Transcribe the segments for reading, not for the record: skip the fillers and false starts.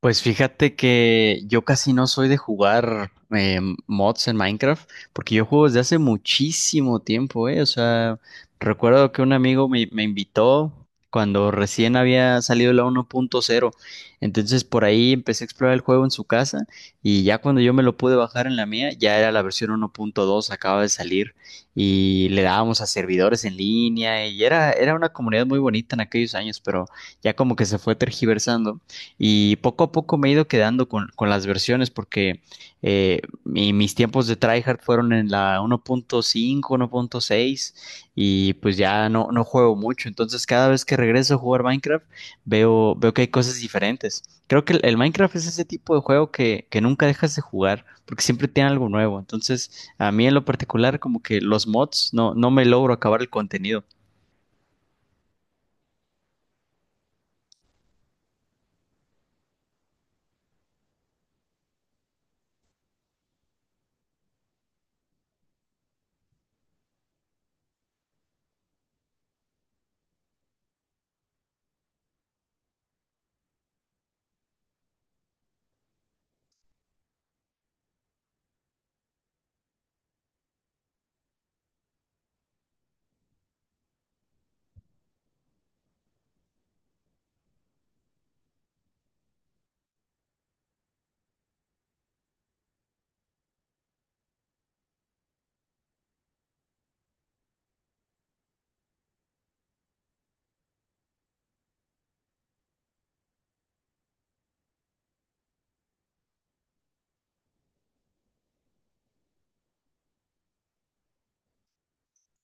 Pues fíjate que yo casi no soy de jugar mods en Minecraft, porque yo juego desde hace muchísimo tiempo, ¿eh? O sea, recuerdo que un amigo me invitó cuando recién había salido la 1.0, entonces por ahí empecé a explorar el juego en su casa y ya cuando yo me lo pude bajar en la mía, ya era la versión 1.2, acaba de salir y le dábamos a servidores en línea y era una comunidad muy bonita en aquellos años, pero ya como que se fue tergiversando y poco a poco me he ido quedando con las versiones porque mis tiempos de tryhard fueron en la 1.5, 1.6 y pues ya no, no juego mucho. Entonces cada vez que regreso a jugar Minecraft veo que hay cosas diferentes. Creo que el Minecraft es ese tipo de juego que nunca dejas de jugar porque siempre tiene algo nuevo. Entonces a mí en lo particular como que los mods no, no me logro acabar el contenido.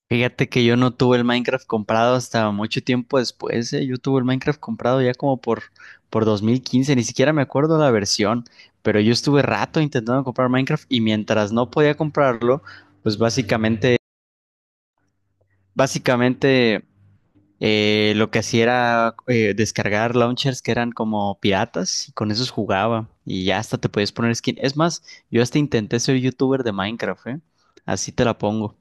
Fíjate que yo no tuve el Minecraft comprado hasta mucho tiempo después, eh. Yo tuve el Minecraft comprado ya como por 2015, ni siquiera me acuerdo la versión, pero yo estuve rato intentando comprar Minecraft y mientras no podía comprarlo, pues básicamente, lo que hacía era descargar launchers que eran como piratas y con esos jugaba y ya hasta te podías poner skin. Es más, yo hasta intenté ser youtuber de Minecraft, eh. Así te la pongo.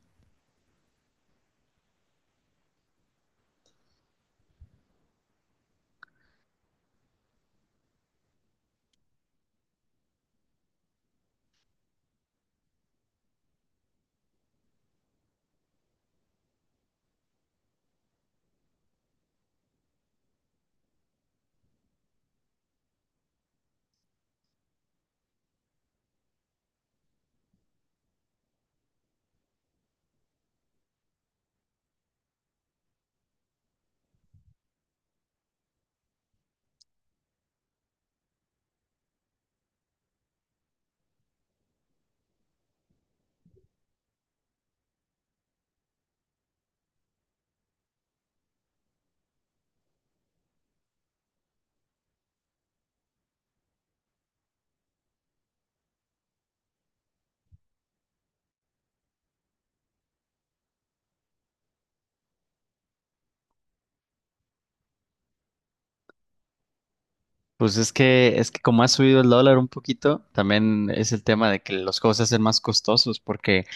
Pues es que como ha subido el dólar un poquito, también es el tema de que los juegos se hacen más costosos, porque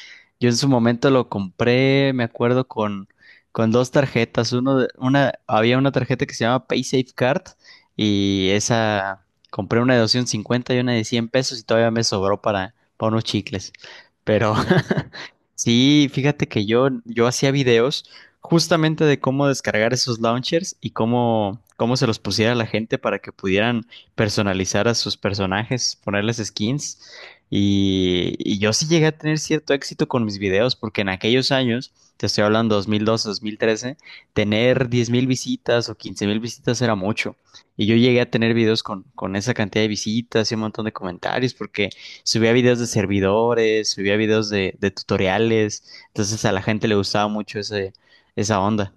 yo en su momento lo compré, me acuerdo, con dos tarjetas. Había una tarjeta que se llama PaySafe Card y esa compré una de 250 y una de 100 pesos y todavía me sobró para unos chicles. Pero sí, fíjate que yo hacía videos justamente de cómo descargar esos launchers y cómo, cómo se los pusiera a la gente para que pudieran personalizar a sus personajes, ponerles skins. Y yo sí llegué a tener cierto éxito con mis videos, porque en aquellos años, te estoy hablando 2012, 2013, tener 10.000 visitas o 15.000 visitas era mucho. Y yo llegué a tener videos con esa cantidad de visitas y un montón de comentarios, porque subía videos de servidores, subía videos de tutoriales. Entonces a la gente le gustaba mucho esa onda.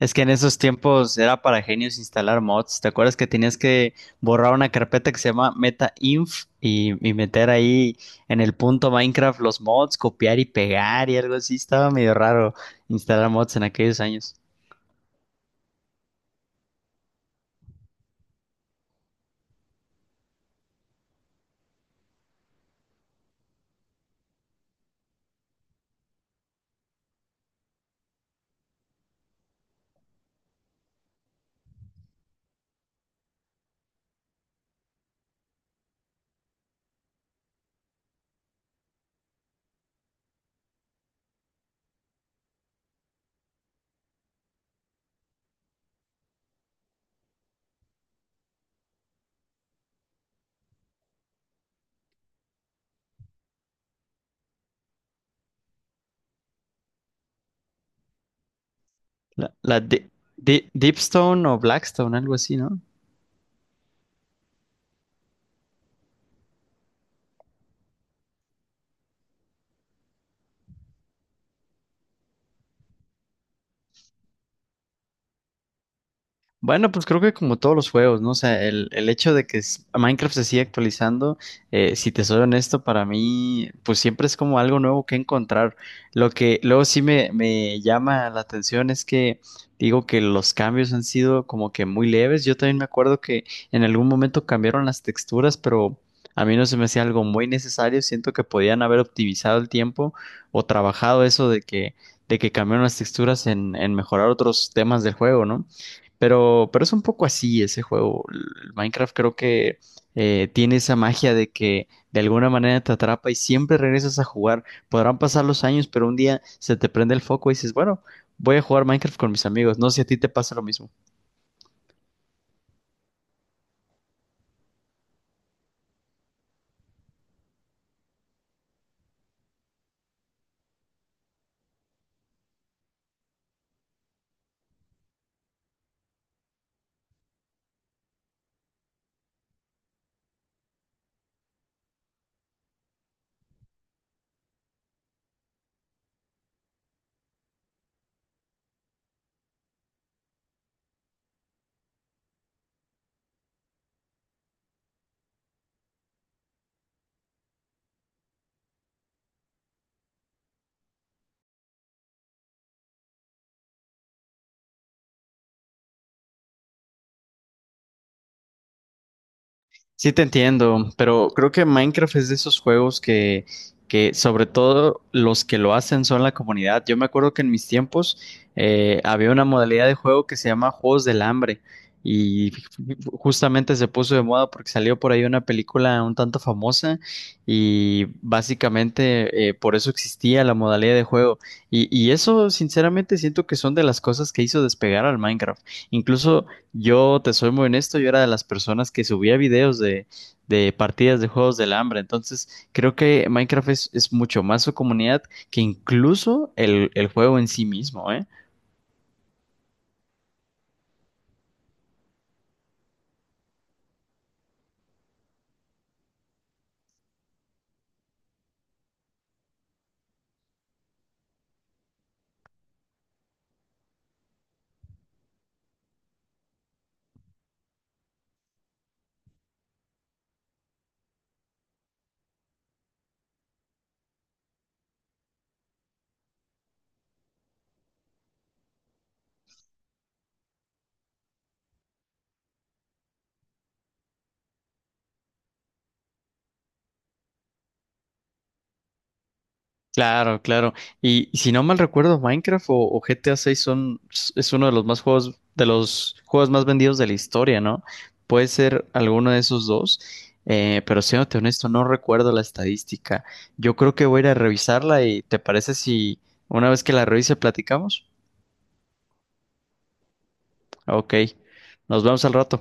Es que en esos tiempos era para genios instalar mods. ¿Te acuerdas que tenías que borrar una carpeta que se llama metainf y meter ahí en el punto Minecraft los mods, copiar y pegar y algo así? Estaba medio raro instalar mods en aquellos años. La Deepstone o Blackstone, algo así, ¿no? Bueno, pues creo que como todos los juegos, ¿no? O sea, el hecho de que Minecraft se sigue actualizando, si te soy honesto, para mí, pues siempre es como algo nuevo que encontrar. Lo que luego sí me llama la atención es que digo que los cambios han sido como que muy leves. Yo también me acuerdo que en algún momento cambiaron las texturas, pero a mí no se me hacía algo muy necesario. Siento que podían haber optimizado el tiempo o trabajado eso de que cambiaron las texturas en mejorar otros temas del juego, ¿no? Pero es un poco así ese juego. El Minecraft creo que tiene esa magia de que de alguna manera te atrapa y siempre regresas a jugar. Podrán pasar los años, pero un día se te prende el foco y dices, bueno, voy a jugar Minecraft con mis amigos. No sé si a ti te pasa lo mismo. Sí, te entiendo, pero creo que Minecraft es de esos juegos que sobre todo los que lo hacen son la comunidad. Yo me acuerdo que en mis tiempos había una modalidad de juego que se llama Juegos del Hambre y justamente se puso de moda porque salió por ahí una película un tanto famosa y básicamente por eso existía la modalidad de juego. Y eso sinceramente siento que son de las cosas que hizo despegar al Minecraft. Incluso, yo te soy muy honesto, yo era de las personas que subía videos de partidas de juegos del hambre, entonces creo que Minecraft es mucho más su comunidad que incluso el juego en sí mismo, ¿eh? Claro, claro. Y si no mal recuerdo, Minecraft o GTA 6 son, es uno de los más juegos, de los juegos más vendidos de la historia, ¿no? Puede ser alguno de esos dos, pero siéndote honesto, no recuerdo la estadística. Yo creo que voy a ir a revisarla y ¿te parece si una vez que la revise platicamos? Ok, nos vemos al rato.